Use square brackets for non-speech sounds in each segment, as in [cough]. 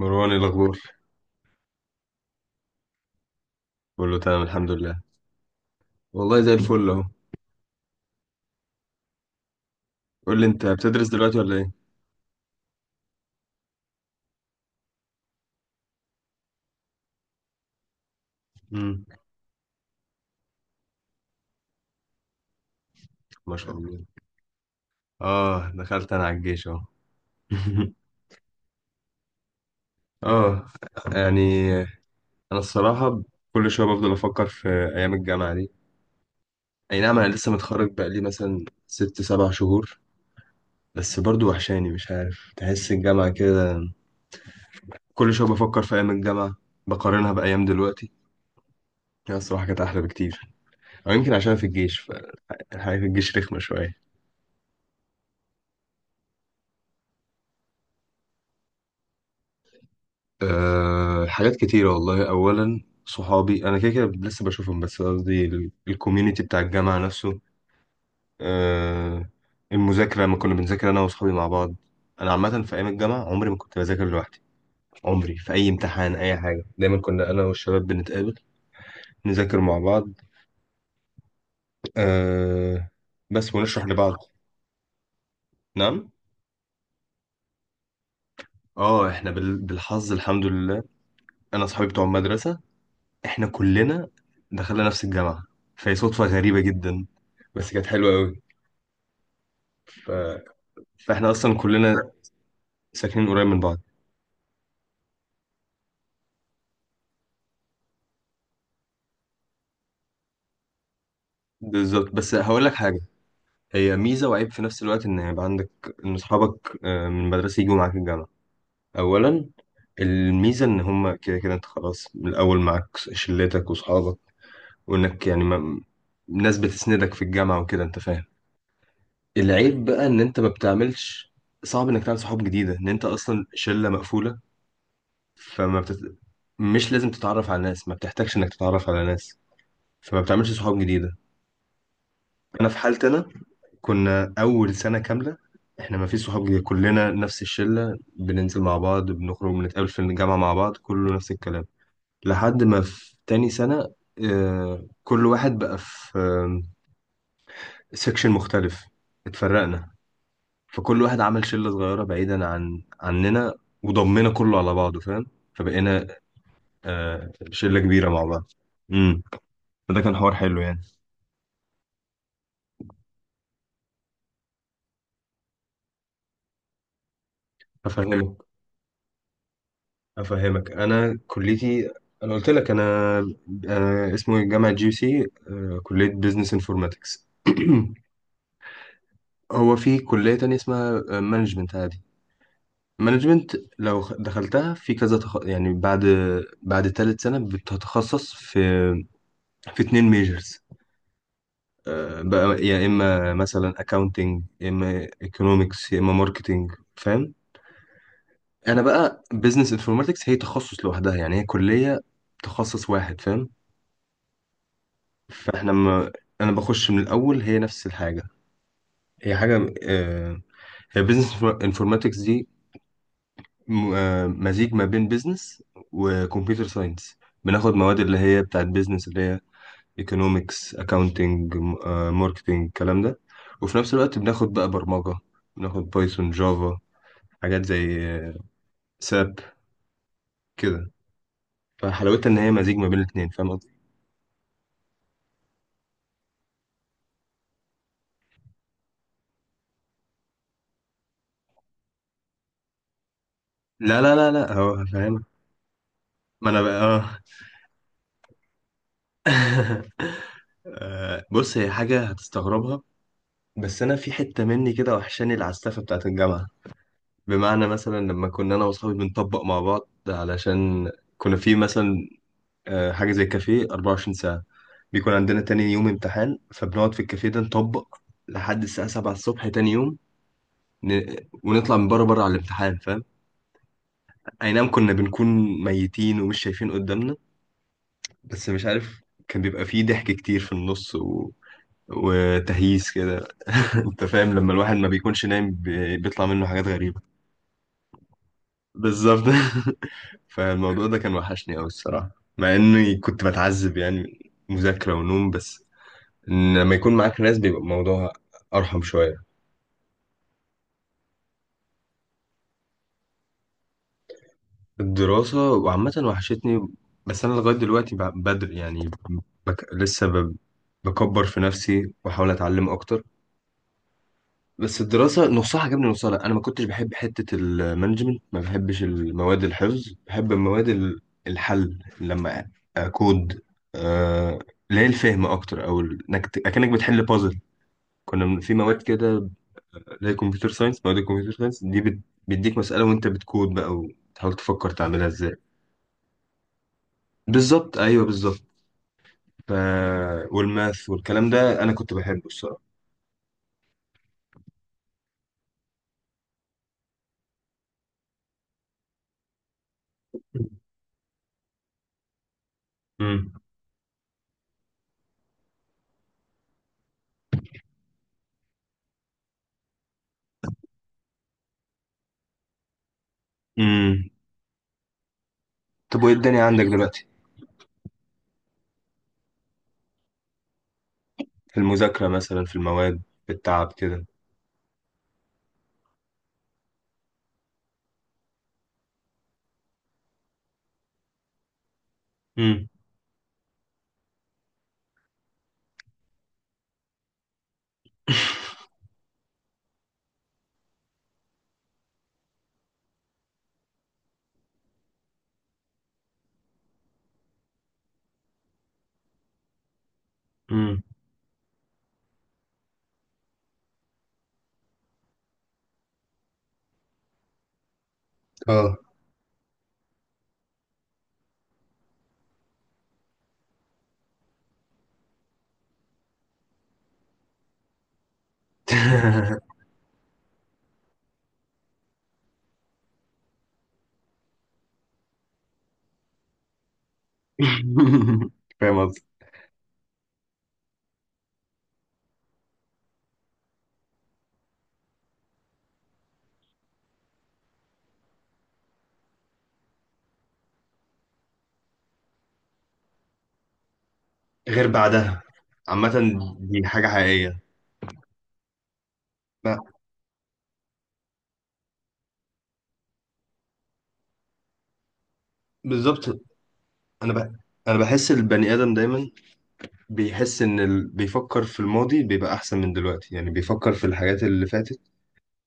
مروان، إيه الأخبار؟ بقول له، تمام الحمد لله. والله زي الفل أهو. قول لي، أنت بتدرس دلوقتي ولا إيه؟ مم. ما شاء الله. آه، دخلت أنا على الجيش أهو. [laughs] آه، يعني أنا الصراحة، كل شوية بفضل أفكر في أيام الجامعة دي. أي نعم، أنا لسه متخرج بقالي مثلا ست سبع شهور. بس برضو وحشاني، مش عارف، تحس الجامعة كده. كل شوية بفكر في أيام الجامعة، بقارنها بأيام دلوقتي. هي الصراحة كانت أحلى بكتير. أو يمكن عشان في الجيش، فالحياة في الجيش رخمة شوية. أه، حاجات كتيرة والله. أولا، صحابي أنا كده كده لسه بشوفهم، بس قصدي الكوميونيتي بتاع الجامعة نفسه. أه، المذاكرة لما كنا بنذاكر أنا وصحابي مع بعض. أنا عامة في أيام الجامعة، عمري ما كنت بذاكر لوحدي. عمري في أي امتحان أي حاجة، دايما كنا أنا والشباب بنتقابل، نذاكر مع بعض. أه، بس ونشرح لبعض. نعم. اه، احنا بالحظ الحمد لله، انا صحابي بتوع المدرسه احنا كلنا دخلنا نفس الجامعة. فهي صدفة غريبة جدا، بس كانت حلوة قوي. ف... فاحنا اصلا كلنا ساكنين قريب من بعض. بالظبط، بس هقول لك حاجة، هي ميزة وعيب في نفس الوقت، ان يبقى عندك، ان اصحابك من المدرسة يجوا معاك الجامعة. اولا، الميزة ان هما كده كده انت خلاص من الاول معاك شلتك واصحابك. وانك يعني ما... ناس بتسندك في الجامعة وكده، انت فاهم. العيب بقى ان انت ما بتعملش صعب انك تعمل صحاب جديدة، ان انت اصلا شلة مقفولة. فما بتت... مش لازم تتعرف على ناس، ما بتحتاجش انك تتعرف على ناس، فما بتعملش صحاب جديده. انا في حالتي انا، كنا اول سنه كامله احنا ما فيش صحاب جديده، كلنا نفس الشله بننزل مع بعض بنخرج بنتقابل في الجامعه مع بعض كله نفس الكلام. لحد ما في تاني سنه، كل واحد بقى في سكشن مختلف. اتفرقنا. فكل واحد عمل شله صغيره بعيدا عننا، وضمنا كله على بعضه، فاهم. فبقينا شله كبيره مع بعض. فده كان حوار حلو يعني. افهمك، افهمك. انا كليتي، انا قلت لك، انا اسمه إيه، جامعه جي سي، كليه بزنس انفورماتكس. [clears throat] هو في كليه تانية اسمها مانجمنت عادي. مانجمنت لو دخلتها في كذا يعني بعد تالت سنه بتتخصص في اتنين ميجرز بقى، يا اما مثلا اكاونتنج، يا اما ايكونومكس، يا اما ماركتنج، فاهم. انا بقى بزنس انفورماتكس هي تخصص لوحدها، يعني هي كليه تخصص واحد، فاهم. فاحنا ما انا بخش من الاول هي نفس الحاجه، هي حاجه، هي بزنس انفورماتكس دي مزيج ما بين بزنس وكمبيوتر ساينس. بناخد مواد اللي هي بتاعت بزنس اللي هي ايكونومكس، اكاونتنج، ماركتنج، الكلام ده. وفي نفس الوقت بناخد بقى برمجه، بناخد بايثون، جافا، حاجات زي ساب كده. فحلاوتها ان هي مزيج ما بين الاتنين، فاهم قصدي. لا، لا، لا، لا، هو فاهم. ما انا بقى [laughs] بص، هي حاجة هتستغربها. بس انا في حتة مني كده وحشاني العسافة بتاعت الجامعة. بمعنى مثلا لما كنا انا واصحابي بنطبق مع بعض علشان كنا في مثلا حاجة زي كافيه 24 ساعة، بيكون عندنا تاني يوم امتحان، فبنقعد في الكافيه ده نطبق لحد الساعة 7 الصبح تاني يوم. ن... ونطلع من بره بره على الامتحان، فاهم. اي نعم، كنا بنكون ميتين ومش شايفين قدامنا. بس مش عارف، كان بيبقى فيه ضحك كتير في النص وتهييس كده. [laughs] انت فاهم، لما الواحد ما بيكونش نايم بيطلع منه حاجات غريبة. بالظبط. [laughs] فالموضوع ده كان وحشني أوي الصراحة، مع إني كنت بتعذب يعني من مذاكرة ونوم بس. إن لما يكون معاك ناس بيبقى الموضوع أرحم شوية. الدراسة وعامة وحشتني. بس أنا لغاية دلوقتي بدري يعني، بك... لسه ب... بكبر في نفسي وأحاول أتعلم أكتر. بس الدراسة نصها عجبني نصها لا، أنا ما كنتش بحب حتة المانجمنت، ما بحبش المواد الحفظ، بحب المواد الحل لما أكود، آه، اللي هي الفهم أكتر، أو أكنك بتحل بازل. كنا في مواد كده اللي هي كمبيوتر ساينس. مواد الكمبيوتر ساينس دي بيديك مسألة، وأنت بتكود بقى وتحاول تفكر تعملها إزاي. بالظبط، أيوه بالظبط. ف... والماث والكلام ده أنا كنت بحبه الصراحة. امم امم طب، وإيه الدنيا عندك دلوقتي؟ في المذاكرة مثلا، في المواد، في التعب كده. امم امم اه [laughs] فاهم قصدي. غير بعدها، عامة. دي حاجة حقيقية. ب- بالظبط. أنا ب... أنا بحس البني آدم دايما بيحس بيفكر في الماضي بيبقى أحسن من دلوقتي، يعني بيفكر في الحاجات اللي فاتت،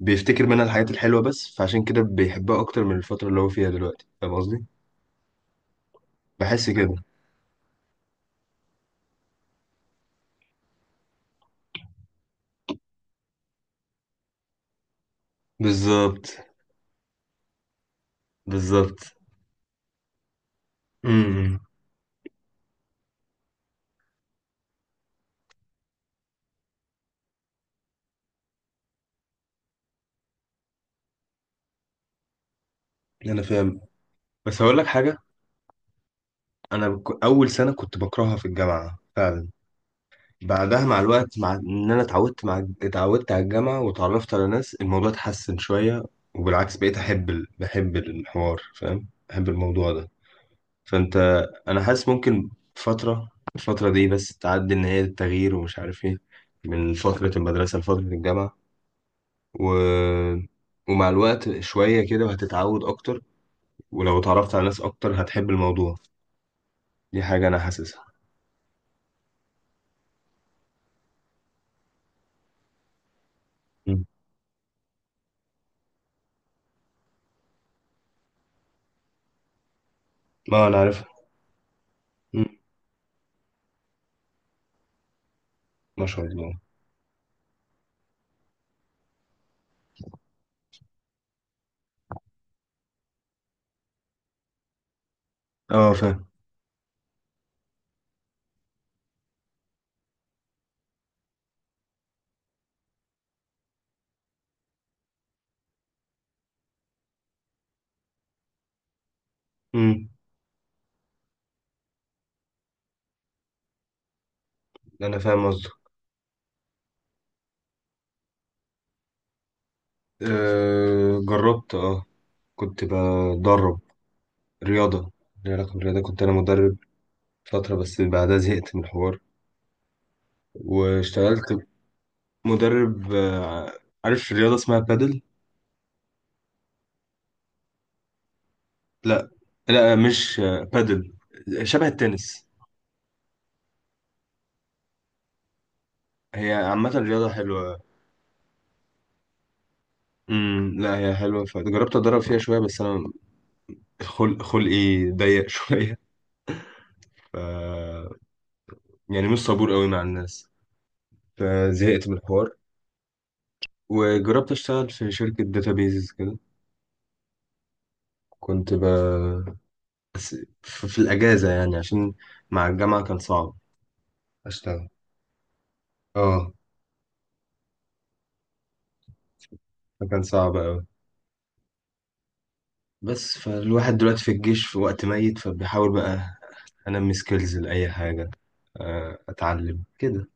بيفتكر منها الحاجات الحلوة بس، فعشان كده بيحبها أكتر من الفترة اللي هو فيها دلوقتي، فاهم قصدي؟ بحس كده. بالظبط، بالظبط. امم أنا فاهم، بس هقول لك حاجة. اول سنه كنت بكرهها في الجامعه فعلا. بعدها مع الوقت، مع ان انا اتعودت على الجامعه وتعرفت على ناس، الموضوع اتحسن شويه. وبالعكس بقيت احب بحب الحوار، فاهم، بحب الموضوع ده. فانت انا حاسس ممكن، فتره الفتره دي بس تعدي، ان هي التغيير ومش عارف ايه، من فتره المدرسه لفتره الجامعه، و... ومع الوقت شويه كده وهتتعود اكتر. ولو اتعرفت على ناس اكتر هتحب الموضوع. دي حاجه انا حاسسها. مم. ما انا عارف. ما شاء الله. اه، فاهم. امم انا فاهم قصدك. أه، جربت. اه كنت بدرب رياضه، ليها علاقه بالرياضه، كنت انا مدرب فتره، بس بعدها زهقت من الحوار، واشتغلت. مدرب عارف رياضه اسمها بادل. لا، لا، مش بادل شبه التنس. هي عامه رياضه حلوه. لا هي حلوه، فجربت اتدرب فيها شويه، بس انا خلقي ضيق [laughs] شويه. ف يعني مش صبور قوي مع الناس. فزهقت من الحوار. وجربت اشتغل في شركة داتابيز كده. كنت ب... بس في الأجازة يعني عشان مع الجامعة كان صعب أشتغل. اه، فكان صعب أوي. بس فالواحد دلوقتي في الجيش في وقت ميت، فبيحاول بقى أنمي سكيلز لأي حاجة، أتعلم كده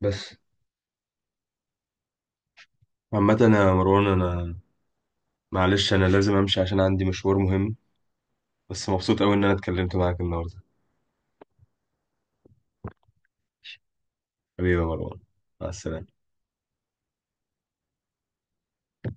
بس. عامة يا مروان، أنا، معلش، أنا لازم أمشي عشان عندي مشوار مهم. بس مبسوط أوي إن أنا اتكلمت معاك النهاردة. حبيبي يا مروان، مع السلامة.